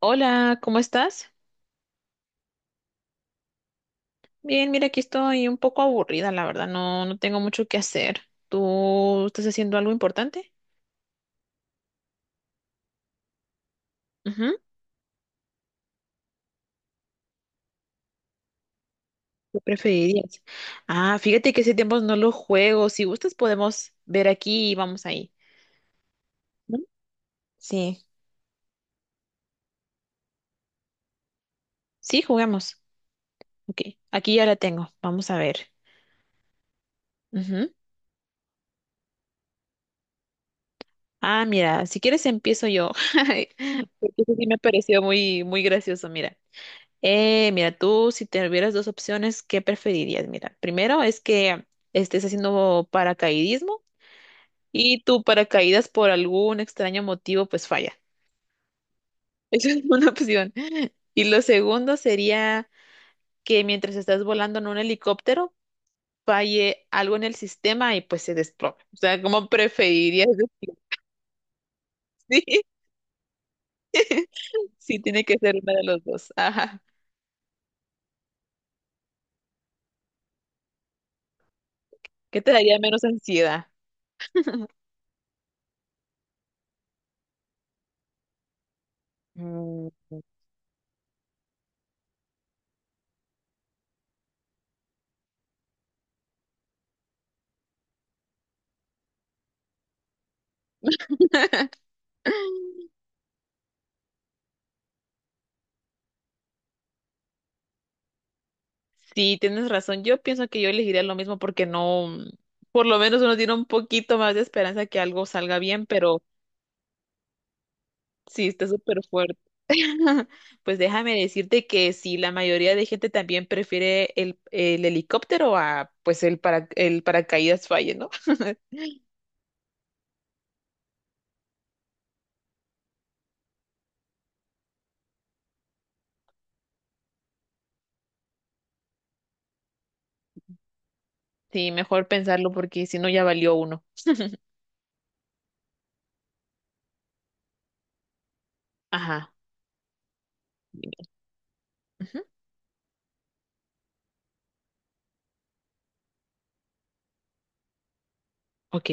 Hola, ¿cómo estás? Bien, mira, aquí estoy un poco aburrida, la verdad, no tengo mucho que hacer. ¿Tú estás haciendo algo importante? Ujú. ¿Qué preferirías? Ah, fíjate que hace tiempo no lo juego. Si gustas, podemos ver aquí y vamos ahí. ¿No? Sí, sí, jugamos. Ok, aquí ya la tengo. Vamos a ver. Ujú. Ah, mira, si quieres empiezo yo. Porque eso sí me pareció muy, muy gracioso, mira. Mira, tú si te hubieras dos opciones, ¿qué preferirías? Mira, primero es que estés haciendo paracaidismo y tu paracaídas por algún extraño motivo pues falla. Esa es una opción. Y lo segundo sería que mientras estás volando en un helicóptero falle algo en el sistema y pues se desplome. O sea, ¿cómo preferirías? Sí, sí tiene que ser una de los dos. Ajá. ¿Qué te daría menos ansiedad? Mm. Sí, tienes razón. Yo pienso que yo elegiría lo mismo porque no, mm, por lo menos uno tiene un poquito más de esperanza que algo salga bien, pero sí, está súper fuerte. Pues déjame decirte que sí, la mayoría de gente también prefiere el helicóptero a pues el para el paracaídas falle, ¿no? Sí, mejor pensarlo porque si no ya valió uno. Ajá. Dime. Ujú. Ok.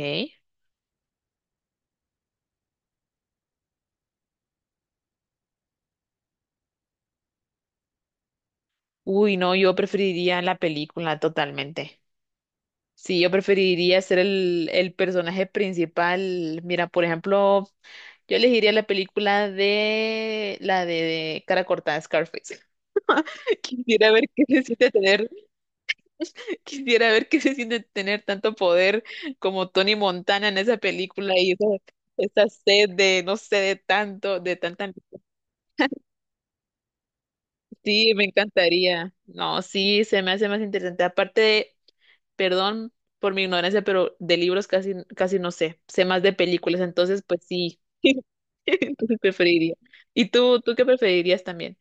Uy, no, yo preferiría la película totalmente. Sí, yo preferiría ser el personaje principal. Mira, por ejemplo, yo elegiría la película de la de Cara Cortada, Scarface. Quisiera ver qué se siente tener, quisiera ver qué se siente tener tanto poder como Tony Montana en esa película y esa sed de, no sé, de tanto, de tanta. Sí, me encantaría. No, sí, se me hace más interesante. Aparte perdón por mi ignorancia, pero de libros casi, casi no sé, sé más de películas, entonces pues sí, entonces preferiría. ¿Y tú qué preferirías también?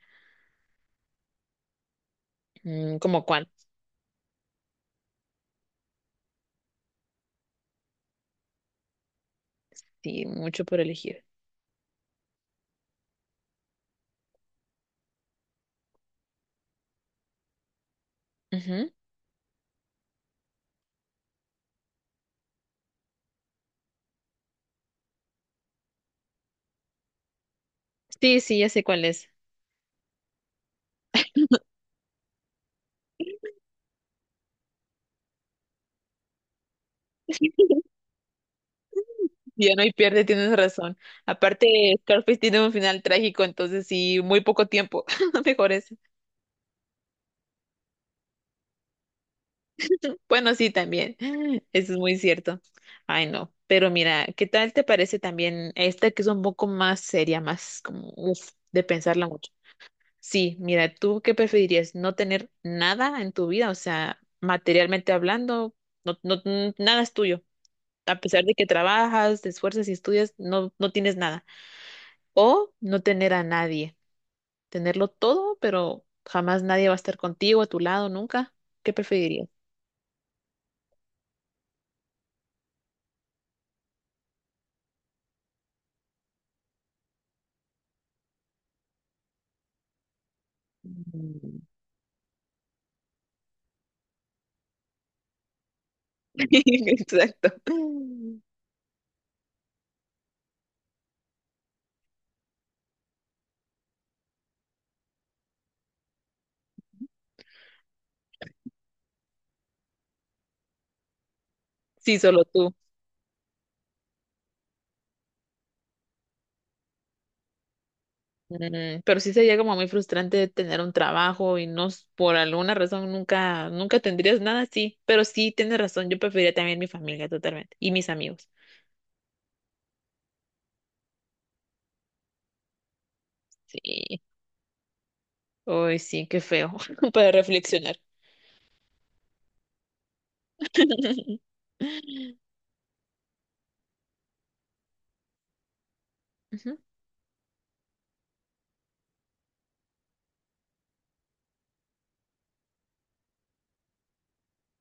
Mm, ¿cómo cuál? Sí, mucho por elegir. Ujú. Sí, sí, ya sé cuál es. Ya no hay pierde, tienes razón. Aparte, Scarface tiene un final trágico, entonces sí, muy poco tiempo. Mejor es. Bueno, sí, también. Eso es muy cierto. Ay, no. Pero mira, ¿qué tal te parece también esta que es un poco más seria, más como, uf, de pensarla mucho? Sí, mira, ¿tú qué preferirías? ¿No tener nada en tu vida? O sea, materialmente hablando, nada es tuyo. A pesar de que trabajas, te esfuerzas y estudias, no tienes nada. O no tener a nadie. Tenerlo todo, pero jamás nadie va a estar contigo, a tu lado, nunca. ¿Qué preferirías? Mm. Exacto. Sí, solo tú. Mm, pero sí sería como muy frustrante tener un trabajo y no, s- por alguna razón nunca tendrías nada, sí. Pero sí tienes razón, yo preferiría también mi familia totalmente y mis amigos. Sí. Ay, sí, qué feo para reflexionar. Ujú.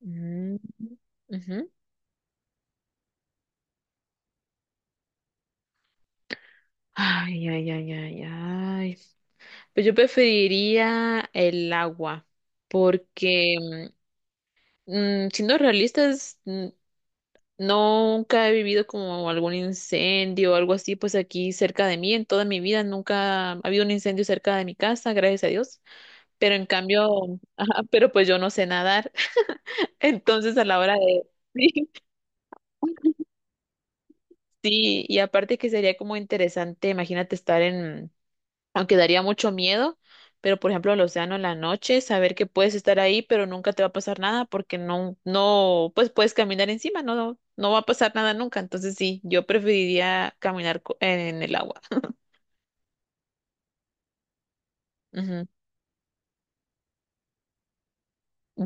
Mm, ujú. Ay, ay, ay, ay, ay. Pues yo preferiría el agua, porque siendo realistas, nunca he vivido como algún incendio o algo así, pues aquí cerca de mí, en toda mi vida nunca ha habido un incendio cerca de mi casa, gracias a Dios. Pero en cambio, ajá, pero pues yo no sé nadar, entonces a la hora de... Sí, sí, y aparte que sería como interesante, imagínate estar en, aunque daría mucho miedo, pero por ejemplo el océano en la noche, saber que puedes estar ahí, pero nunca te va a pasar nada porque no, no, pues puedes caminar encima, no va a pasar nada nunca. Entonces sí, yo preferiría caminar co- en el agua. Ujú.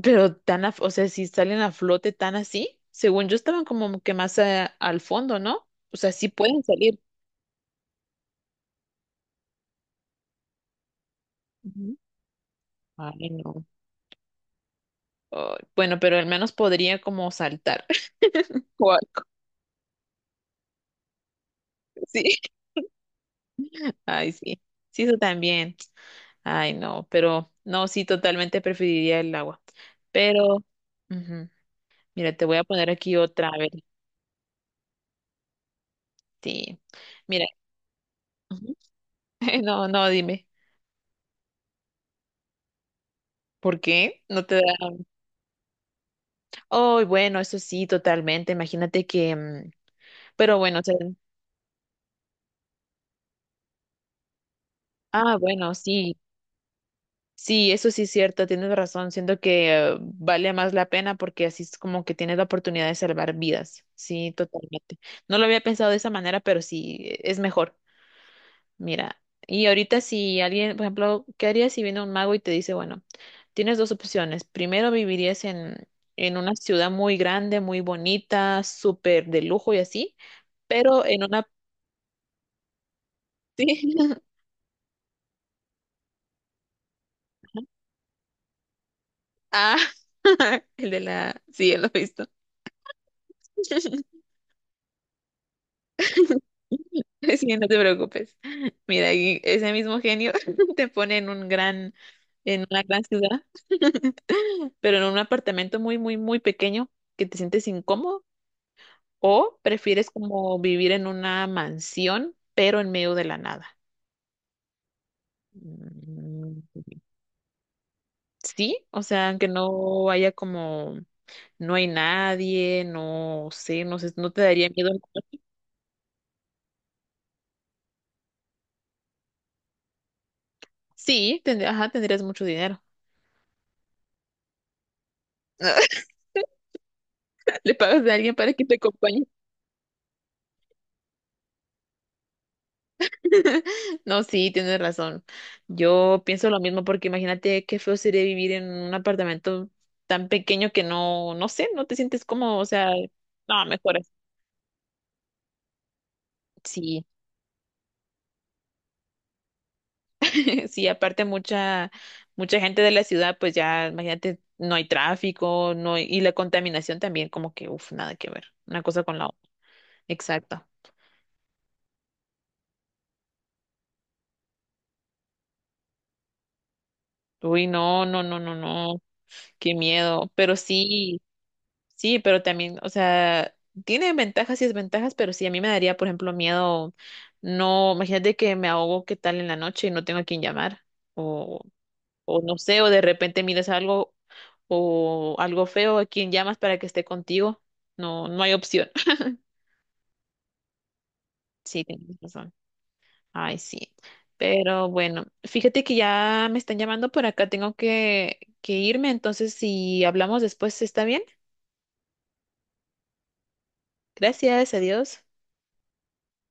Pero tan, a- o sea, si salen a flote tan así, según yo estaban como que más al fondo, ¿no? O sea, sí pueden salir. Ujú. Ay, no. Ay, bueno, pero al menos podría como saltar. o algo. Sí. Ay, sí. Sí, eso también. Ay, no, pero no, sí, totalmente preferiría el agua. Pero, ujú, mira, te voy a poner aquí otra, a ver, sí. Mira, ujú, no, no, dime, ¿por qué? No te da... Oh, bueno, eso sí, totalmente. Imagínate que, mm, pero bueno, o sea, ah, bueno, sí, sí, eso sí es cierto, tienes razón. Siento que vale más la pena porque así es como que tienes la oportunidad de salvar vidas. Sí, totalmente. No lo había pensado de esa manera, pero sí, e- es mejor. Mira, y ahorita si alguien, por ejemplo, ¿qué harías si viene un mago y te dice, bueno, tienes dos opciones. Primero vivirías en una ciudad muy grande, muy bonita, súper de lujo y así, pero en una... Sí. Ah, el de la... Sí, él lo he visto. Sí, no te preocupes. Mira, y ese mismo genio te pone en un gran, en una gran ciudad, pero en un apartamento muy, muy, muy pequeño que te sientes incómodo. ¿O prefieres como vivir en una mansión, pero en medio de la nada? Mm, sí, o sea, aunque no haya como, no hay nadie, no sé, no sé, no te daría miedo. Sí, tendr- ajá, tendrías mucho dinero. Le pagas a alguien para que te acompañe. No, sí, tienes razón. Yo pienso lo mismo porque imagínate qué feo sería vivir en un apartamento tan pequeño que no sé, no te sientes cómodo, o sea, no, mejor así. Sí, sí, aparte mucha, mucha gente de la ciudad, pues ya, imagínate, no hay tráfico, no hay- y la contaminación también, como que, uff, nada que ver, una cosa con la otra. Exacto. Uy, no, no, no, no, no, qué miedo. Pero sí, sí, pero también, o sea, tiene ventajas y desventajas, pero sí, a mí me daría, por ejemplo, miedo, no, imagínate que me ahogo, qué tal en la noche y no tengo a quién llamar, o, o no sé, o de repente miras algo o algo feo a quien llamas para que esté contigo. No, no hay opción. Sí, tienes razón. Ay, sí. Pero bueno, fíjate que ya me están llamando por acá, tengo que irme, entonces si hablamos después, ¿está bien? Gracias, adiós.